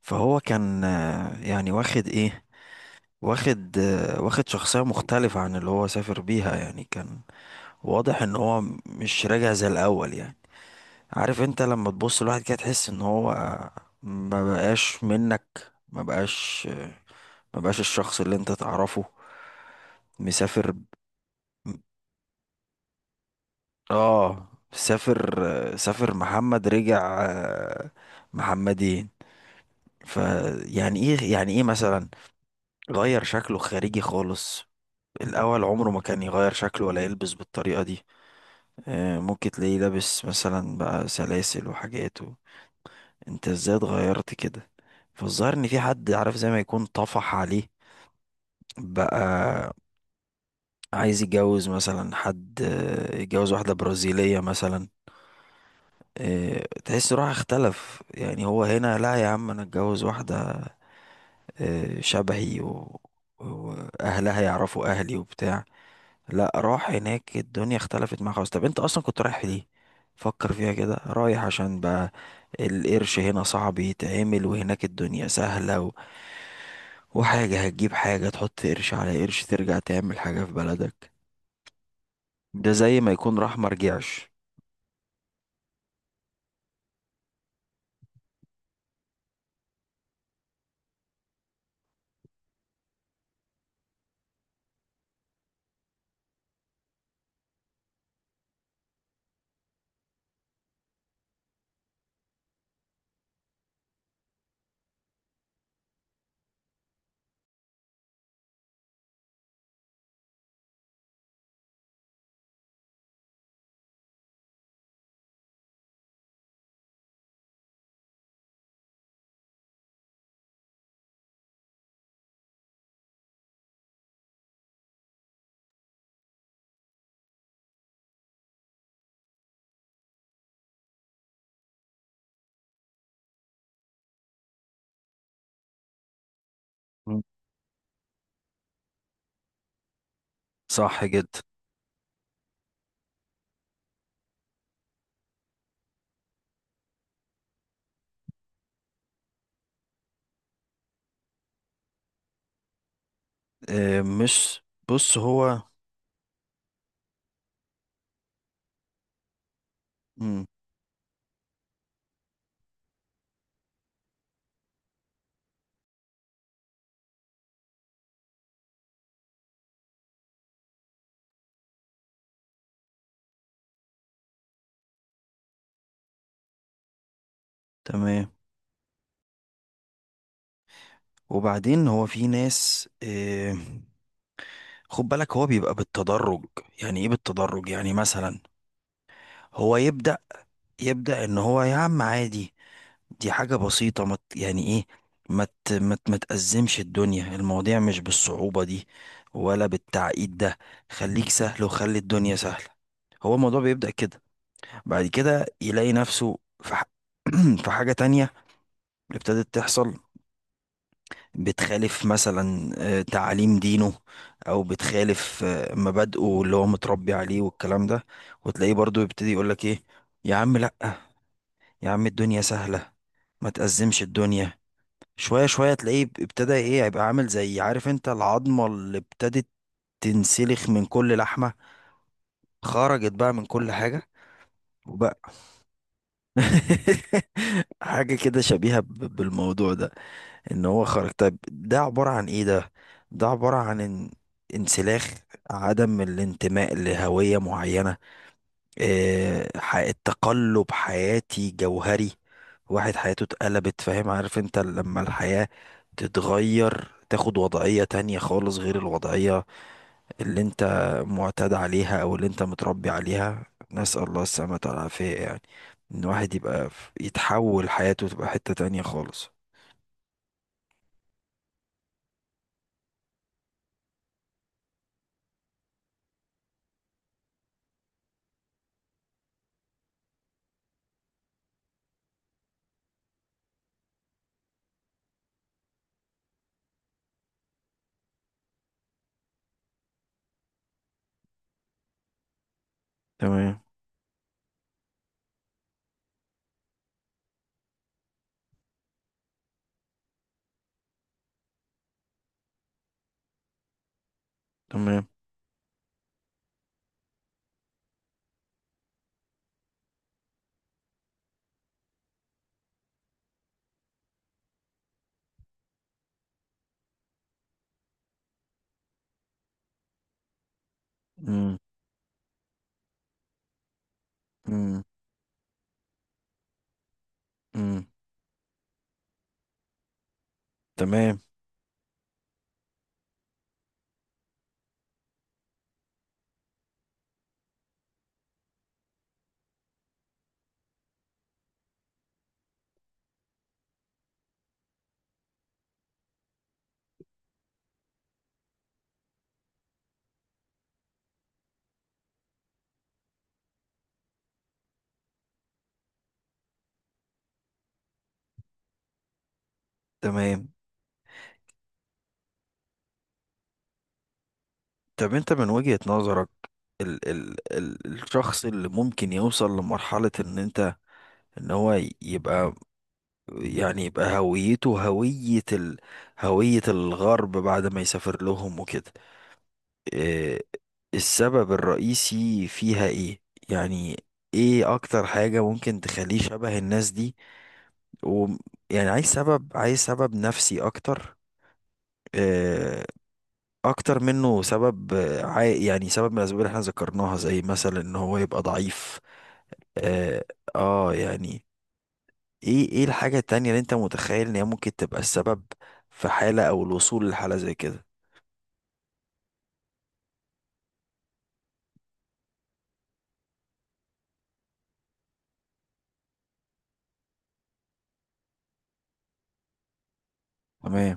فهو كان يعني واخد ايه. واخد شخصية مختلفة عن اللي هو سافر بيها، يعني كان واضح ان هو مش راجع زي الاول. يعني عارف انت لما تبص لواحد كده تحس ان هو، ما بقاش منك. ما بقاش الشخص اللي انت تعرفه. مسافر. م- اه سافر. سافر محمد رجع محمدين. فيعني ايه؟ يعني ايه مثلا؟ غير شكله خارجي خالص. الأول عمره ما كان يغير شكله، ولا يلبس بالطريقة دي. ممكن تلاقيه لابس مثلا بقى سلاسل وحاجات انت ازاي اتغيرت كده؟ فالظاهر ان في حد، عارف، زي ما يكون طفح عليه بقى. عايز يتجوز مثلا حد، يتجوز واحدة برازيلية مثلا. تحس روح اختلف. يعني هو هنا لا يا عم، انا اتجوز واحدة شبهي واهلها يعرفوا اهلي وبتاع. لا، راح هناك الدنيا اختلفت معاه خالص. طب انت اصلا كنت رايح ليه؟ فكر فيها كده، رايح عشان بقى القرش هنا صعب يتعمل، وهناك الدنيا سهلة وحاجة هتجيب حاجة، تحط قرش على قرش، ترجع تعمل حاجة في بلدك. ده زي ما يكون راح مرجعش. مم. صح جدا. اه مش بص هو. مم. تمام. وبعدين هو في ناس، اه، خد بالك هو بيبقى بالتدرج. يعني ايه بالتدرج؟ يعني مثلا هو يبدأ. يبدأ ان هو، يا عم عادي، دي حاجة بسيطة، مت يعني ايه، ما مت متأزمش الدنيا. المواضيع مش بالصعوبة دي، ولا بالتعقيد ده. خليك سهل، وخلي الدنيا سهلة. هو الموضوع بيبدأ كده. بعد كده يلاقي نفسه في في حاجة تانية ابتدت تحصل. بتخالف مثلا تعاليم دينه، او بتخالف مبادئه اللي هو متربي عليه والكلام ده. وتلاقيه برضو يبتدي يقولك ايه، يا عم لأ، يا عم الدنيا سهلة، ما تأزمش الدنيا. شوية شوية تلاقيه ابتدى ايه، يبقى عامل زي، عارف انت، العظمة اللي ابتدت تنسلخ من كل لحمة. خرجت بقى من كل حاجة. وبقى حاجة كده شبيهة بالموضوع ده. ان هو خرج. طيب ده عبارة عن ايه ده؟ ده عبارة عن ان، انسلاخ، عدم الانتماء لهوية معينة. إيه؟ تقلب حياتي جوهري. واحد حياته اتقلبت. فاهم؟ عارف انت لما الحياة تتغير، تاخد وضعية تانية خالص، غير الوضعية اللي انت معتاد عليها، او اللي انت متربي عليها. نسأل الله السلامة والعافية يعني. ان الواحد يبقى يتحول حياته تبقى حتة تانية خالص. تمام. تمام. مم. امم. امم. تمام. تمام. طب انت من وجهة نظرك، ال الشخص اللي ممكن يوصل لمرحلة ان انت، ان هو يبقى، يعني يبقى هويته هوية ال، هوية الغرب بعد ما يسافر لهم وكده. إيه السبب الرئيسي فيها؟ ايه يعني؟ ايه اكتر حاجة ممكن تخليه شبه الناس دي؟ و، يعني عايز سبب نفسي اكتر. آه، اكتر منه سبب، يعني سبب من الاسباب اللي احنا ذكرناها، زي مثلا ان هو يبقى ضعيف. اه, يعني، ايه ايه الحاجة التانية اللي انت متخيل ان هي ممكن تبقى السبب في حالة، او الوصول لحالة زي كده؟ تمام.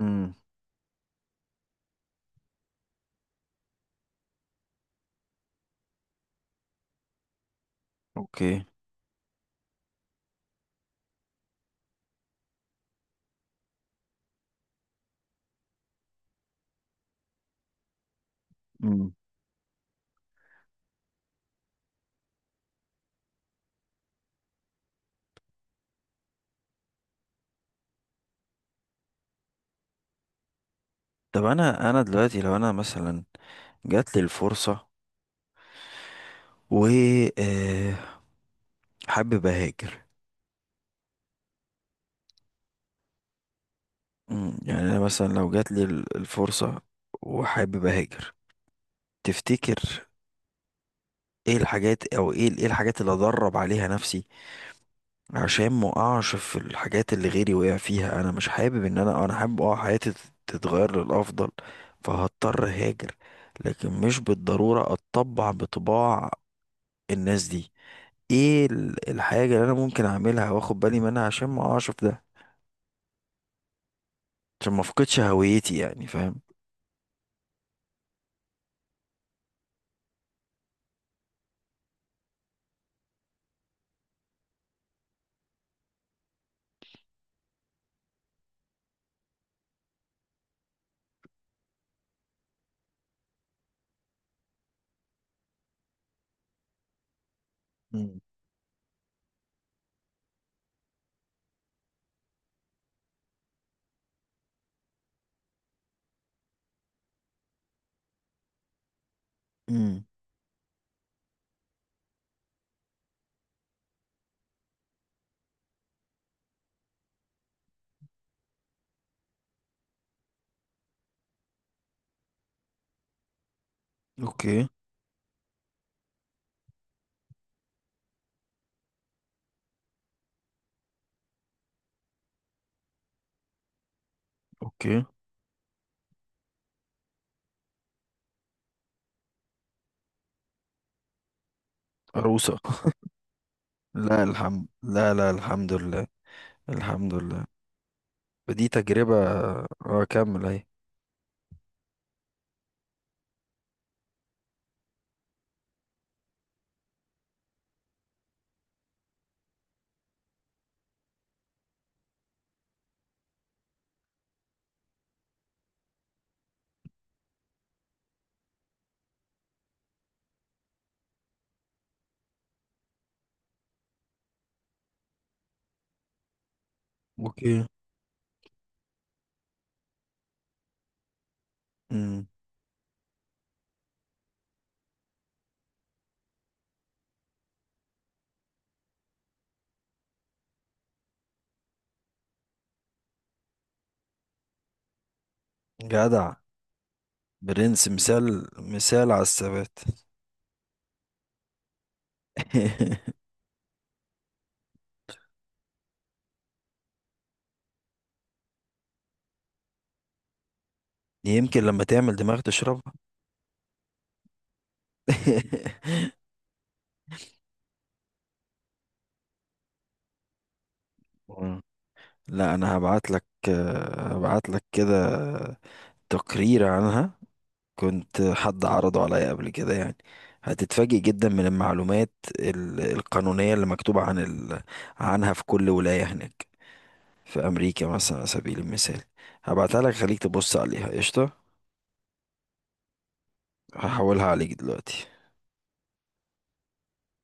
امم. اوكي. امم. طب انا، دلوقتي لو انا مثلا جات لي الفرصة و، آه، حابب اهاجر. مم، يعني انا مثلا لو جات لي الفرصة وحابب اهاجر، تفتكر ايه الحاجات، او ايه الحاجات اللي ادرب عليها نفسي عشان ما اقعش في الحاجات اللي غيري وقع فيها؟ انا مش حابب ان انا، حابب اه حياتي تتغير للافضل. فهضطر هاجر، لكن مش بالضرورة اتطبع بطباع الناس دي. ايه الحاجة اللي انا ممكن اعملها واخد بالي منها عشان ما اقعش في ده، عشان ما افقدش هويتي يعني؟ فاهم؟ مم. امم. اوكي. اوكي. عروسة. لا الحمد، لا الحمد لله. الحمد لله. ودي تجربة. اه كمل اهي. اوكي. امم. جدع. برنس. مثال. مثال على الثبات. يمكن لما تعمل دماغ تشربها. مم. لا انا هبعت لك، هبعت لك كده تقرير عنها. كنت حد عرضه عليا قبل كده يعني. هتتفاجئ جدا من المعلومات القانونية اللي مكتوبة عن عنها في كل ولاية هناك، في امريكا مثلا، على سبيل المثال. هبعتها لك، خليك تبص عليها قشطه. هحولها عليك دلوقتي.